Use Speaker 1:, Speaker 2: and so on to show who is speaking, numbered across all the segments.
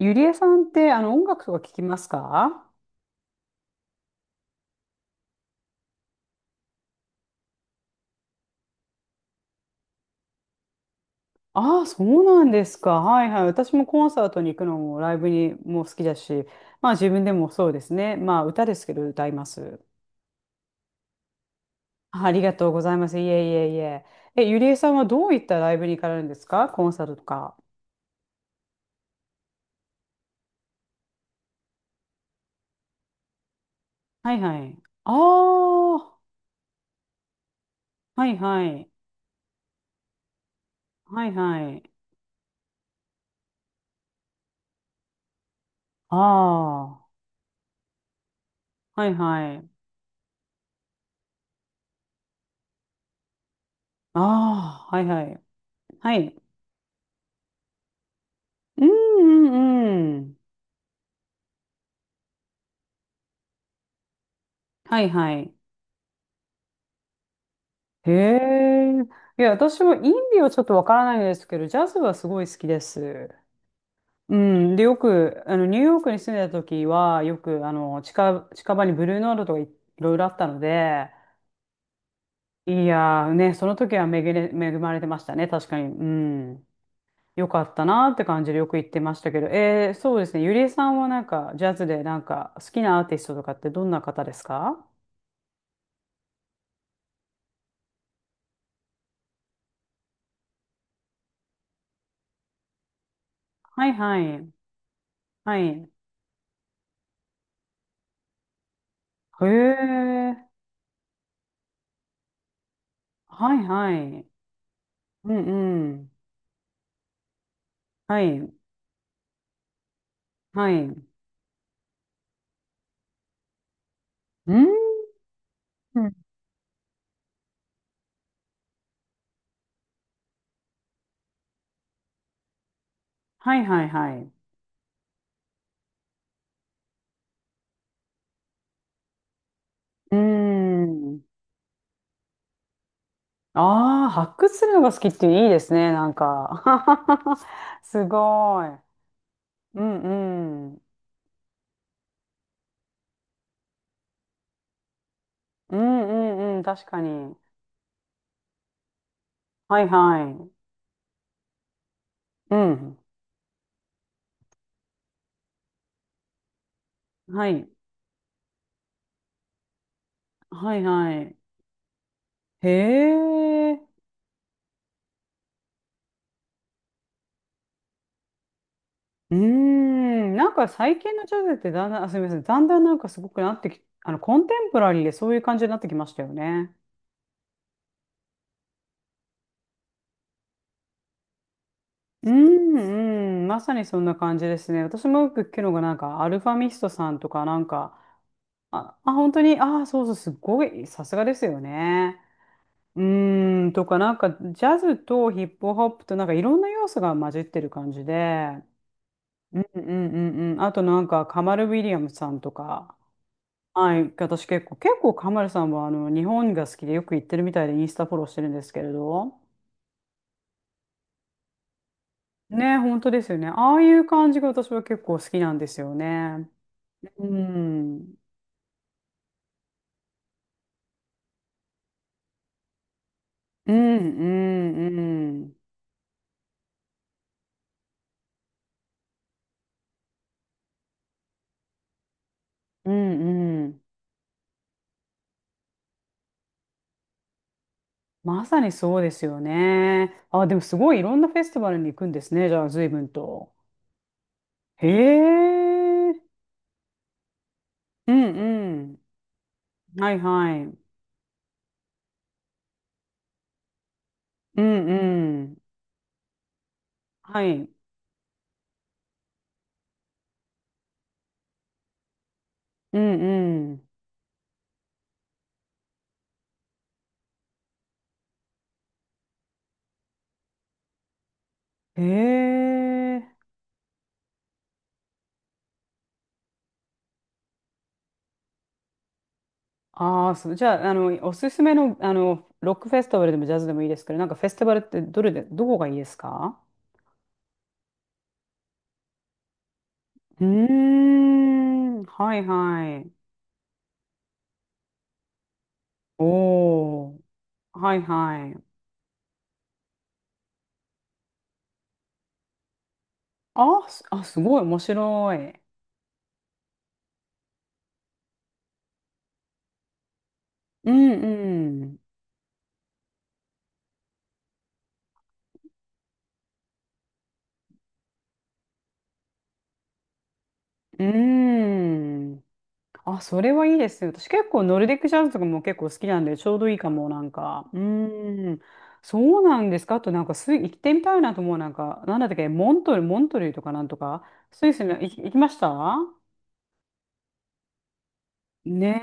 Speaker 1: ゆりえさんって、音楽とか聞きますか？ああ、そうなんですか。はいはい。私もコンサートに行くのも、ライブにも好きだし、まあ自分でもそうですね。まあ歌ですけど歌います。あ、ありがとうございます。いえいえいえ。え、ゆりえさんはどういったライブに行かれるんですか？コンサートとか。はいはい。ああ、はいはい。はいはい。ああ、はいはい。ああ、はいはい。はい。うんうんうん。はいはい。へえ。いや、私もインディはちょっとわからないですけど、ジャズはすごい好きです。うん。で、よく、ニューヨークに住んでた時は、よく、近場にブルーノートとか、いろいろあったので、いやーね、その時は恵まれてましたね、確かに。うん。よかったなーって感じでよく言ってましたけど、そうですね、ゆりえさんはなんか、ジャズでなんか、好きなアーティストとかってどんな方ですか？はいはい。はい。へえ。はいはい。うんうん。はい、はい。うーん。はい、はい、はい。うーん。ああ、発掘するのが好きっていいですね、なんか。すごい。うんうん。うんうんうん、確かに。はいはい。うん。はい。はいはい。へえ。うーん。なんか最近のジャズってだんだん、あ、すみません。だんだんなんかすごくなってき、コンテンポラリーでそういう感じになってきましたよね。うん、うん、まさにそんな感じですね。私もよく聞くのが、なんか、アルファミストさんとか、なんか、あ、あ、本当に、あ、そうそう、すごい、さすがですよね。うーん、とか、なんか、ジャズとヒップホップと、なんか、いろんな要素が混じってる感じで、うん、うん、うん、うん。あと、なんか、カマル・ウィリアムさんとか、はい、私結構、カマルさんは、日本が好きでよく行ってるみたいで、インスタフォローしてるんですけれど、ね、本当ですよね。ああいう感じが私は結構好きなんですよね。うん、うん、うん、うん、うん。まさにそうですよね。あ、でもすごいいろんなフェスティバルに行くんですね。じゃあ、随分と。へえ。うん、うん。はい、はい。うん、うん。はい。うん、うん。へえ。ああ、そう。じゃあ、おすすめの、ロックフェスティバルでもジャズでもいいですけど、なんかフェスティバルってどれで、どこがいいですか？うーん。はい、はい。おお。はいはい。あ、すごい面白い。うんうん。うん。あ、それはいいですよ、私結構ノルディックジャズとかも結構好きなんで、ちょうどいいかも、なんか。うん。そうなんですか。あとなんかスイ、行ってみたいなと思う、なんか、なんだったっけ、モントル、モントルイとかなんとか、スイスに行き行きました？ね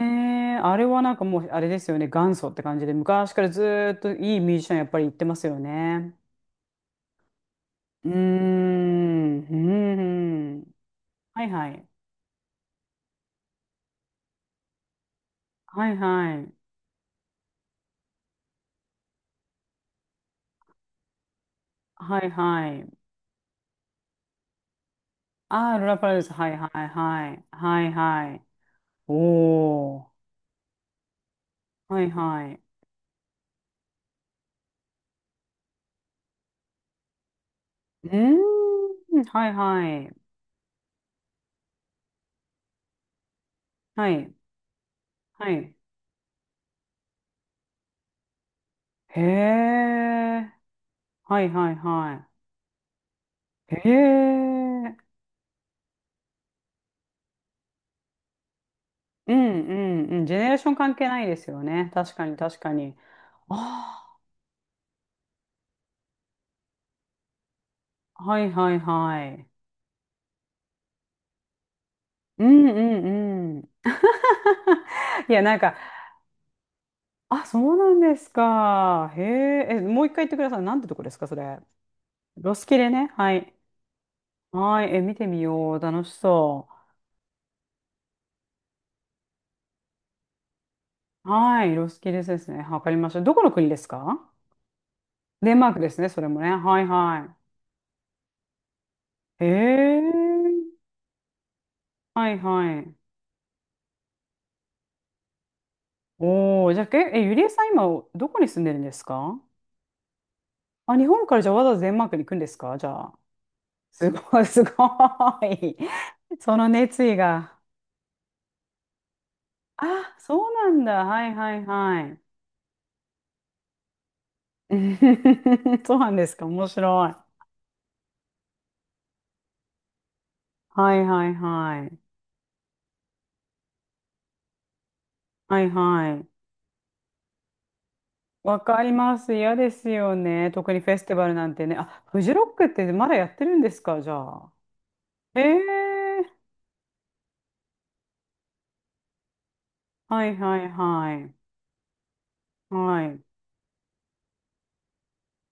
Speaker 1: え、あれはなんかもう、あれですよね、元祖って感じで、昔からずーっといいミュージシャンやっぱり行ってますよね。うーん、うーん。はいはい。はいはい。はいはい。ああ、ルラパルーズ。はいはいはい。はいはい。おお。はいはい。うーん。はいはい。はい。はい。へえ。はいはいはい。へえ。うんうんうん。ジェネレーション関係ないですよね。確かに確かに。ああ。はいはいはい。うんうんうん。いや、なんか、あ、そうなんですか。へえ。え、もう一回言ってください。なんてとこですか、それ。ロスキレね。はい。はい。え、見てみよう。楽しそう。はい。ロスキレですね。わかりました。どこの国ですか？デンマークですね。それもね。はいはい。へえ。はいはい。おー。じゃあ、え、ゆりえさん今、どこに住んでるんですか？あ、日本からじゃあわざわざデンマークに行くんですかじゃあ。すごい、すごい。その熱意が。あ、そうなんだ。はいはいはい。そうなんですか。面白い。はいはいはい。はいはい。わかります。嫌ですよね。特にフェスティバルなんてね。あ、フジロックってまだやってるんですか、じゃあ。ええ、はいはいはい。はい。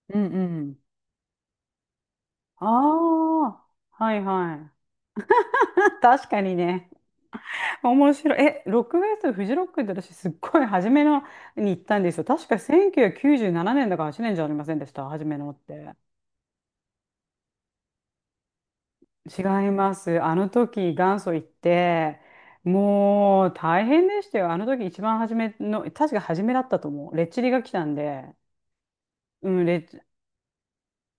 Speaker 1: うんうん。ああ、はいはい。確かにね。面白い。え、ロックフェス、フジロックって私すっごい初めのに行ったんですよ。確か1997年だから8年じゃありませんでした、初めのって。違います。あの時元祖行って、もう大変でしたよ。あの時一番初めの、確か初めだったと思う。レッチリが来たんで、うん、レッチ、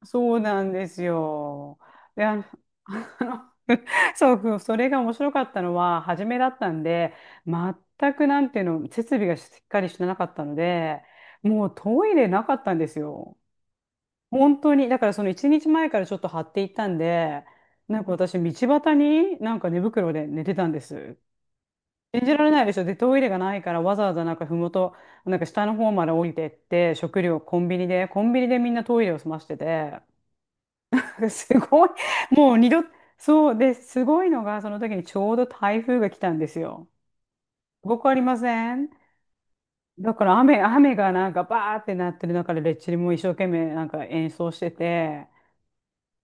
Speaker 1: そうなんですよ。で、そう、それが面白かったのは、初めだったんで、全くなんていうの、設備がしっかりしてなかったので、もうトイレなかったんですよ。本当に、だからその一日前からちょっと張っていったんで、なんか私、道端になんか寝袋で寝てたんです。信じられないでしょ。で、トイレがないからわざわざなんかふもと、なんか下の方まで降りてって、食料コンビニで、コンビニでみんなトイレを済ましてて、すごい、もう二度、そうで、すごいのが、その時にちょうど台風が来たんですよ。すごくありません？だから雨がなんかバーってなってる中で、レッチリも一生懸命なんか演奏してて、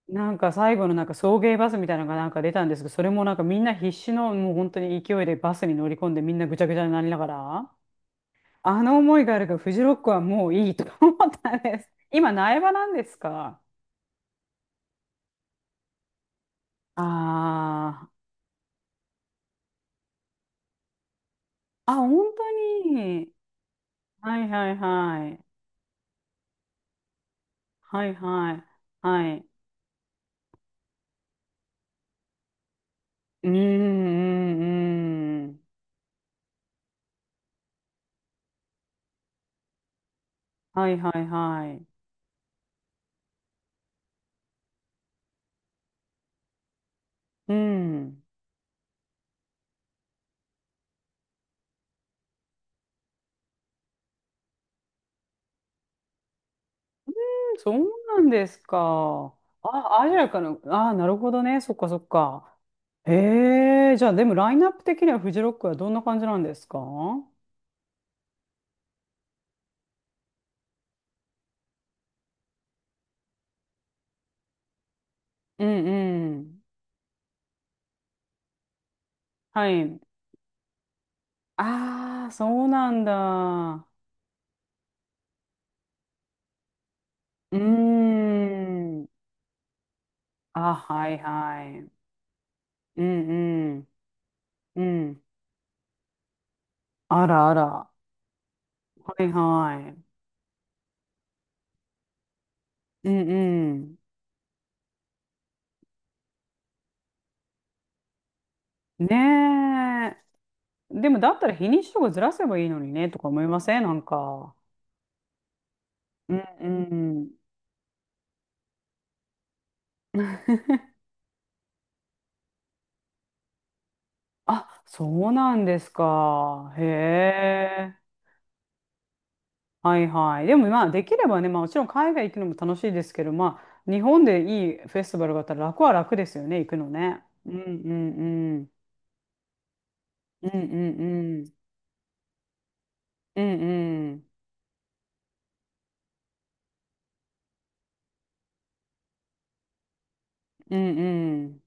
Speaker 1: なんか最後のなんか送迎バスみたいなのがなんか出たんですけど、それもなんかみんな必死のもう本当に勢いでバスに乗り込んでみんなぐちゃぐちゃになりながら、あの思いがあるからフジロックはもういいとか思ったんです。今苗場なんですか？ああー、あ、本当に。はいはいはい。はいはい。はい。うーんうんうん。はいはいはい。うん。そうなんですか。あ、アジアかの、ああ、なるほどね。そっかそっか。ええ、じゃあでもラインナップ的にはフジロックはどんな感じなんですか？うんうん。はい。ああ、そうなんだ。うーん。あ、はいはい。うんうん。うん。あらあら。はいはい。うんうん。ねえ。でもだったら日にちとかずらせばいいのにね、とか思いませんなんか。うんうん。あ、そうなんですか。へえ。はいはい。でもまあできればね、まあもちろん海外行くのも楽しいですけど、まあ日本でいいフェスティバルがあったら楽は楽ですよね、行くのね。うんうんうん。うんうんうん。うんうん。うんうん。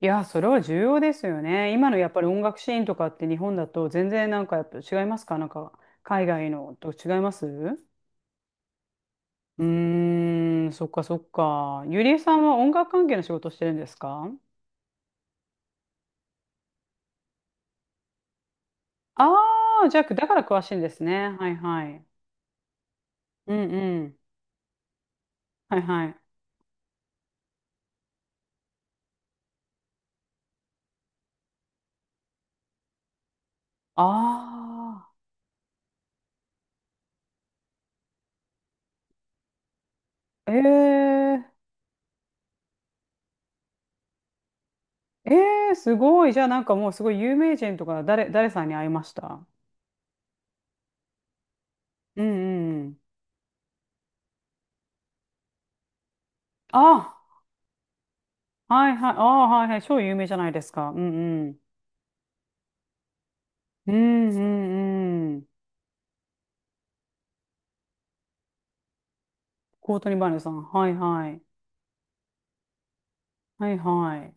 Speaker 1: いや、それは重要ですよね。今のやっぱり音楽シーンとかって日本だと全然やっぱ違いますか？海外のと違いますう、そっかそっか。ゆりえさんは音楽関係の仕事してるんですか？ああー、じゃあ、だから詳しいんですね。はいはい。うんうん。はいはい。ああ、ええええすごい。じゃあもうすごい有名人とか誰、誰さんに会いました？うんうん。あ、はいはい。ああ、はいはい。超有名じゃないですか。うんうん。うんうんうん。コートニー・バーヌさん。はいはい。はいはい。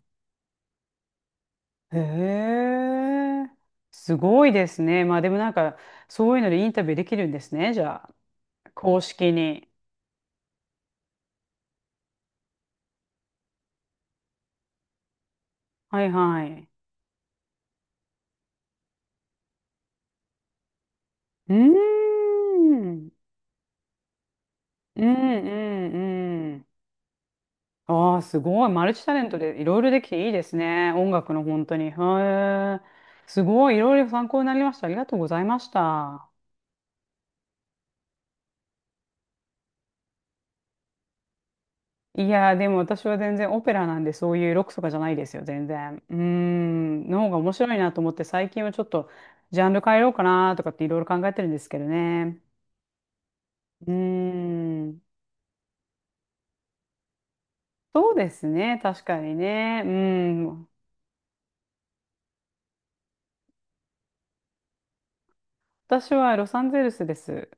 Speaker 1: へえ、すごいですね。まあでもなんか、そういうのでインタビューできるんですね。じゃあ、公式に。はいはい。うーん。うんうんうん。ああ、すごい。マルチタレントでいろいろできていいですね。音楽の本当に。へえ。すごい。いろいろ参考になりました。ありがとうございました。いやー、でも私は全然オペラなんで、そういうロックとかじゃないですよ、全然。うーん、の方が面白いなと思って、最近はちょっとジャンル変えようかなとかっていろいろ考えてるんですけどね。うーん、そうですね、確かにね。うーん、私はロサンゼルスです。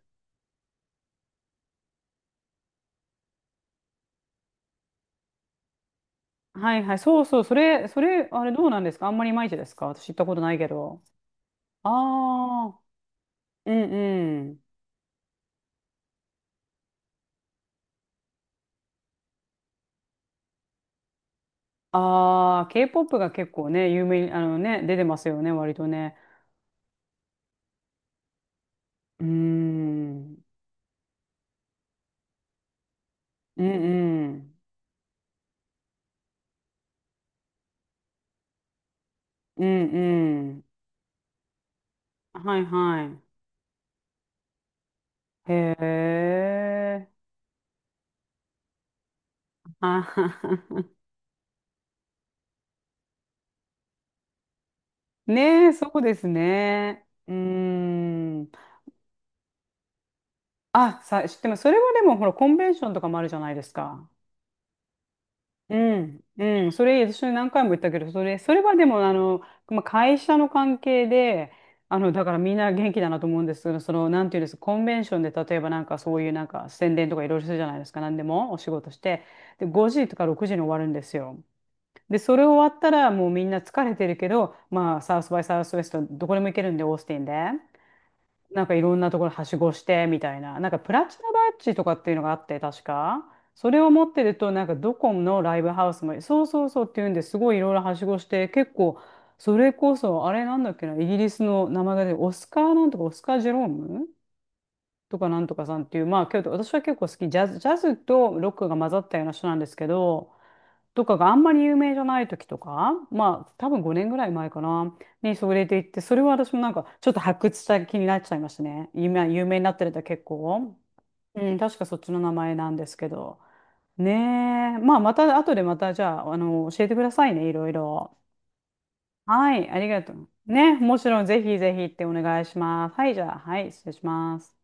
Speaker 1: はいはい。そうそう。それ、それ、あれどうなんですか？あんまりいまいちですか？私行ったことないけど。ああ、うんうん。ああ、K-POP が結構ね、有名に、あのね、出てますよね、割とね。うーん。うんうん。うんうん。はいはい。へえ。あはは。ねえ、そうですね。うーん。あ、さ、知ってます。それはでも、ほら、コンベンションとかもあるじゃないですか。うん、うん、それ、私何回も言ったけど、それ、それはでも、まあ、会社の関係で、だからみんな元気だなと思うんですけど、その、なんていうんですか、コンベンションで、例えばなんかそういうなんか宣伝とかいろいろするじゃないですか、何でもお仕事して、で、5時とか6時に終わるんですよ。で、それ終わったら、もうみんな疲れてるけど、まあ、サウスバイサウスウェスト、どこでも行けるんで、オースティンで。いろんなところはしごしてみたいな、プラチナバッジとかっていうのがあって、確か。それを持ってると、ドコモのライブハウスも、そうそうそうっていうんで、すごいいろいろはしごして、結構、それこそ、あれなんだっけな、イギリスの名前が出て、オスカーなんとか、オスカー・ジェロームとかなんとかさんっていう、まあ、けど私は結構好き、ジャズ、ジャズとロックが混ざったような人なんですけど、とかがあんまり有名じゃない時とか、まあ、多分5年ぐらい前かな、にそれで行って、それは私も、ちょっと発掘した気になっちゃいましたね。今、有名になってると結構。うん、確かそっちの名前なんですけど。ねえ。まあ、また、後でまた、じゃあ、あの、教えてくださいね、いろいろ。はい、ありがとう。ね、もちろん、ぜひぜひってお願いします。はい、じゃあ、はい、失礼します。